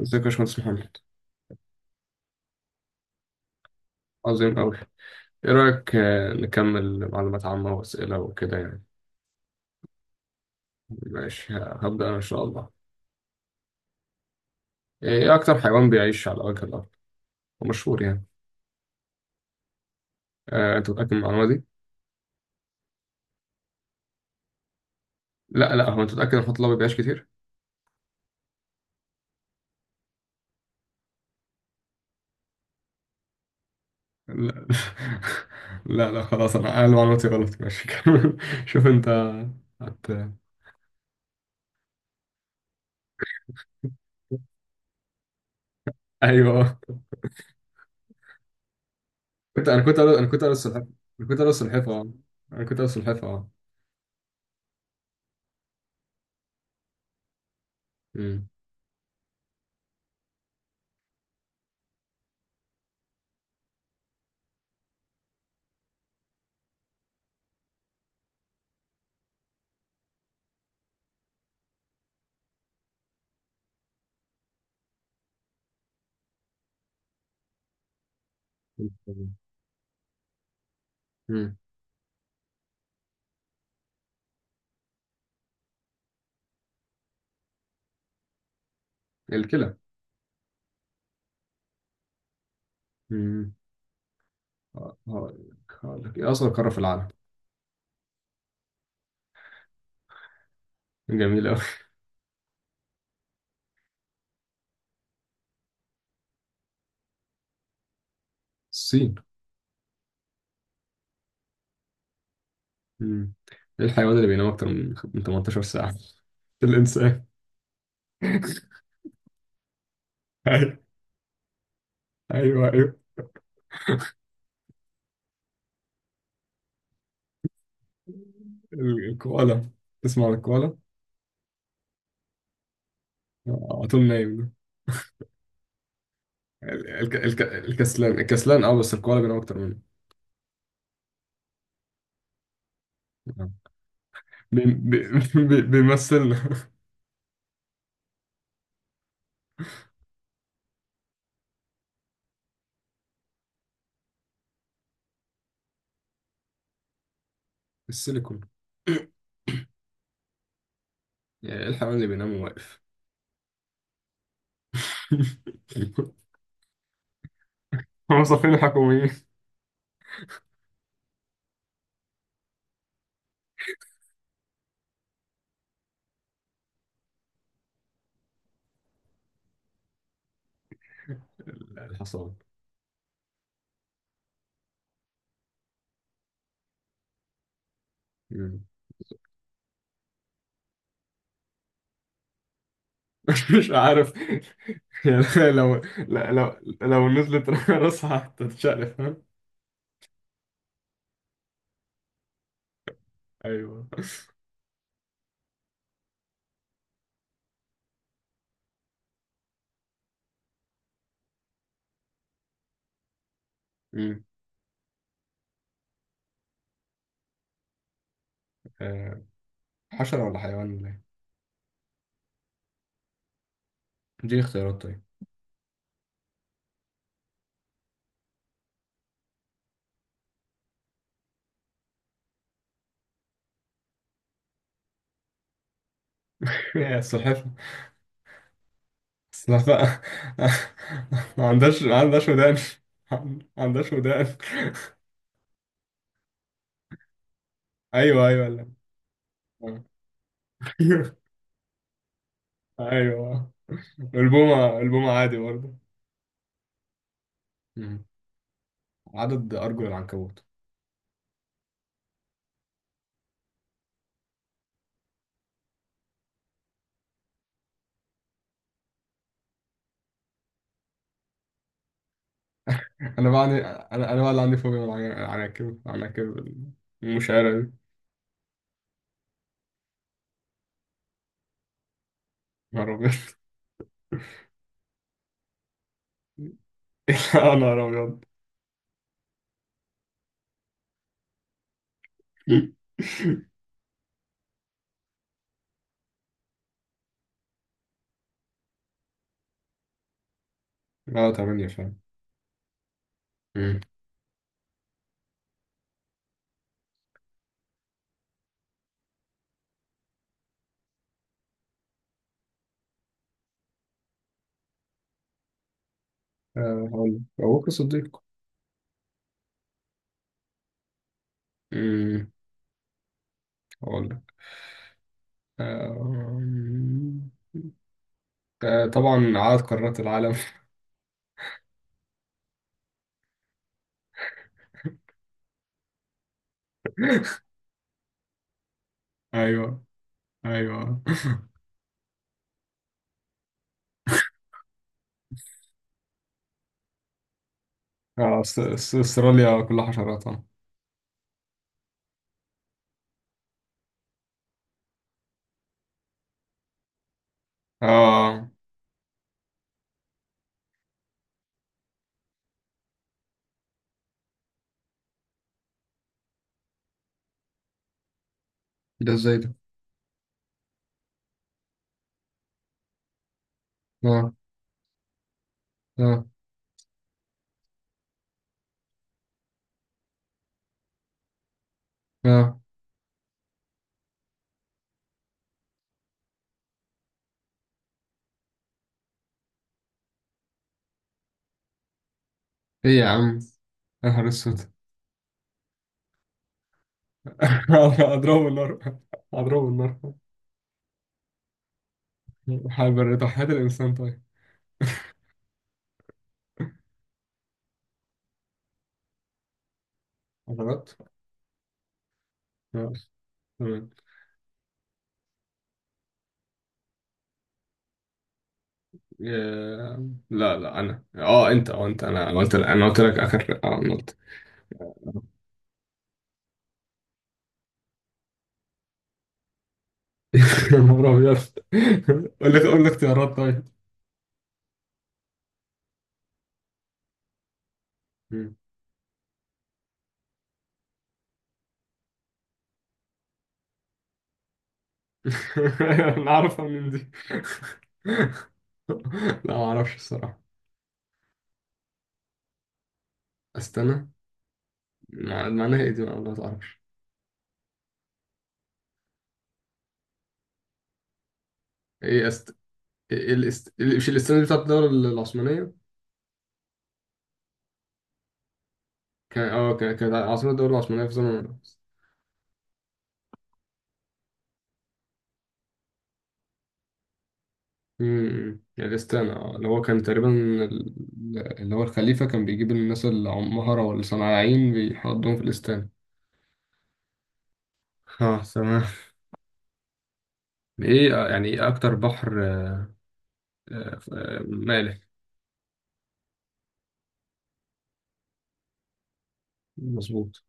ازيك يا باشمهندس محمد. عظيم أوي. إيه رأيك، نكمل معلومات عامة وأسئلة وكده يعني؟ ماشي هبدأ أنا إن شاء الله. إيه أكتر حيوان بيعيش على وجه الأرض ومشهور يعني؟ أنت متأكد من المعلومة دي؟ لا لا، هو أنت متأكد إن الحوت الأبيض بيعيش كتير؟ لا لا لا خلاص، أنا معلوماتي غلط. ماشي كمل. شوف أنت. هت... أيوه. كنت أنا كنت أقول- أنا كنت أقول السلحفاة. أنا كنت أقول السلحفاة أه. أنا كنت أقول السلحفاة أه. أمم. أمم. الكلى. هقول لك. إيه أصغر قارة في العالم؟ جميل أوي. الصين. مم. إيه الحيوان اللي بينام أكتر من 18 ساعة؟ الإنسان. أيوه أيوه أيوه. الكوالا. تسمع عن الكوالا؟ على طول نايم ده. الكسلان الكسلان أه، بس الكوالا بينام أكتر منه. آه. بي... بي... بيمثلنا. السيليكون. يعني إيه الحيوان اللي بينام واقف؟ موظفين الحكوميين. الحصان. مم. مش عارف. يعني لو لو نزلت راسها هتتشقلب، فاهم؟ ايوه. مم. آه، حشرة ولا حيوان ولا ايه؟ دي اختيارات طيب. يا السلحفاة. السلحفاة. ما عندهاش ما عندهاش ودان. ما عندهاش ودان. ايوه ايوه، لا. آه. ايوه. البومة البومة عادي برضه. مم. عدد ارجل العنكبوت. انا بقى عندي، انا بقى اللي عندي فوبيا من العناكب، العناكب المشعرة دي. نهار ابيض. يا نهار ابيض. اه تمانية فعلا. أمم. هقول لك أبو بكر الصديق. أمم. هقول لك. آه، طبعا عدد قارات العالم. أيوه. أيوه. أستراليا كلها حشرات اه. آه، ده ازاي ده؟ اه اه اه. ايه يا عم؟ يا نهار اسود. اضربه النار. اضربه النار. هيبرد حياة الانسان طيب. حشرات. آه. لا لا، انا انت، أنا قلت، انا قلت لك اخر، انا قلت. يا نهار ابيض. قول لي قول لي اختيارات طيب. مم. انا عارفها من دي. لا ما اعرفش الصراحه. استنى. معناها ايه دي، ما تعرفش؟ إيه است... إيه الاست، مش الاستانه دي بتاعت الدوله العثمانيه؟ كان كانت عاصمه الدوله العثمانيه في زمن. الستان، اللي هو كان تقريبا اللي هو الخليفة كان بيجيب الناس اللي عمهرة ولا صناعيين بيحطهم في الاستان. اه تمام. ايه يعني ايه اكتر بحر مالح؟ مظبوط.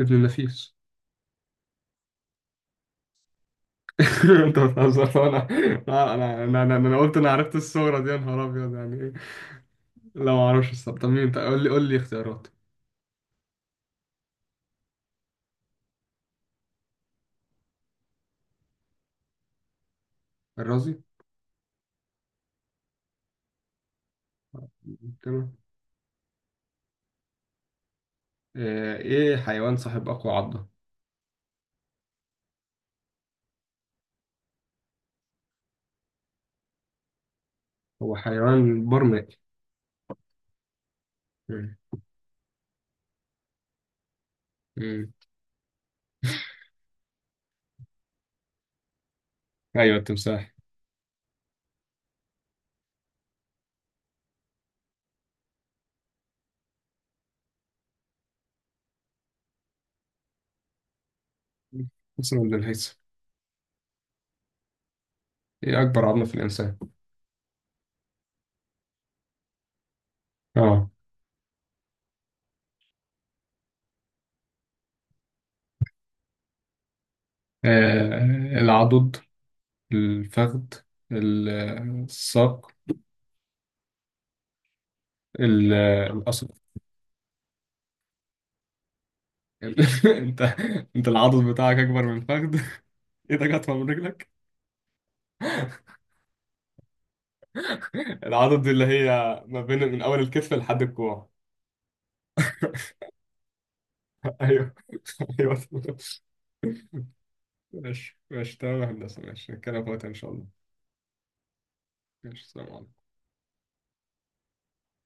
ابن النفيس. انت بتهزر. انا، انا أنا قلت، انا عرفت الصورة دي يا نهار ابيض. يعني ايه؟ لا ما اعرفش الصراحة. طب مين؟ طب قول لي اختيارات. الرازي. تمام. ايه حيوان صاحب اقوى عضة؟ هو حيوان برمائي. مم. مم. ايوه، التمساح. اسمه ابن الهيثم. ايه اكبر عظمه في الانسان؟ اه. آه، العضد، الفخذ، ال- الساق، ال- القصر. ال- انت، انت العضد بتاعك اكبر من الفخذ؟ ايدك اطول من رجلك. العضد دي اللي هي ما بين من اول الكتف لحد الكوع. ايوه. ايوه. ماشي ماشي تمام يا هندسه. ماشي نتكلم في وقتها ان شاء الله. ماشي. سلام عليكم.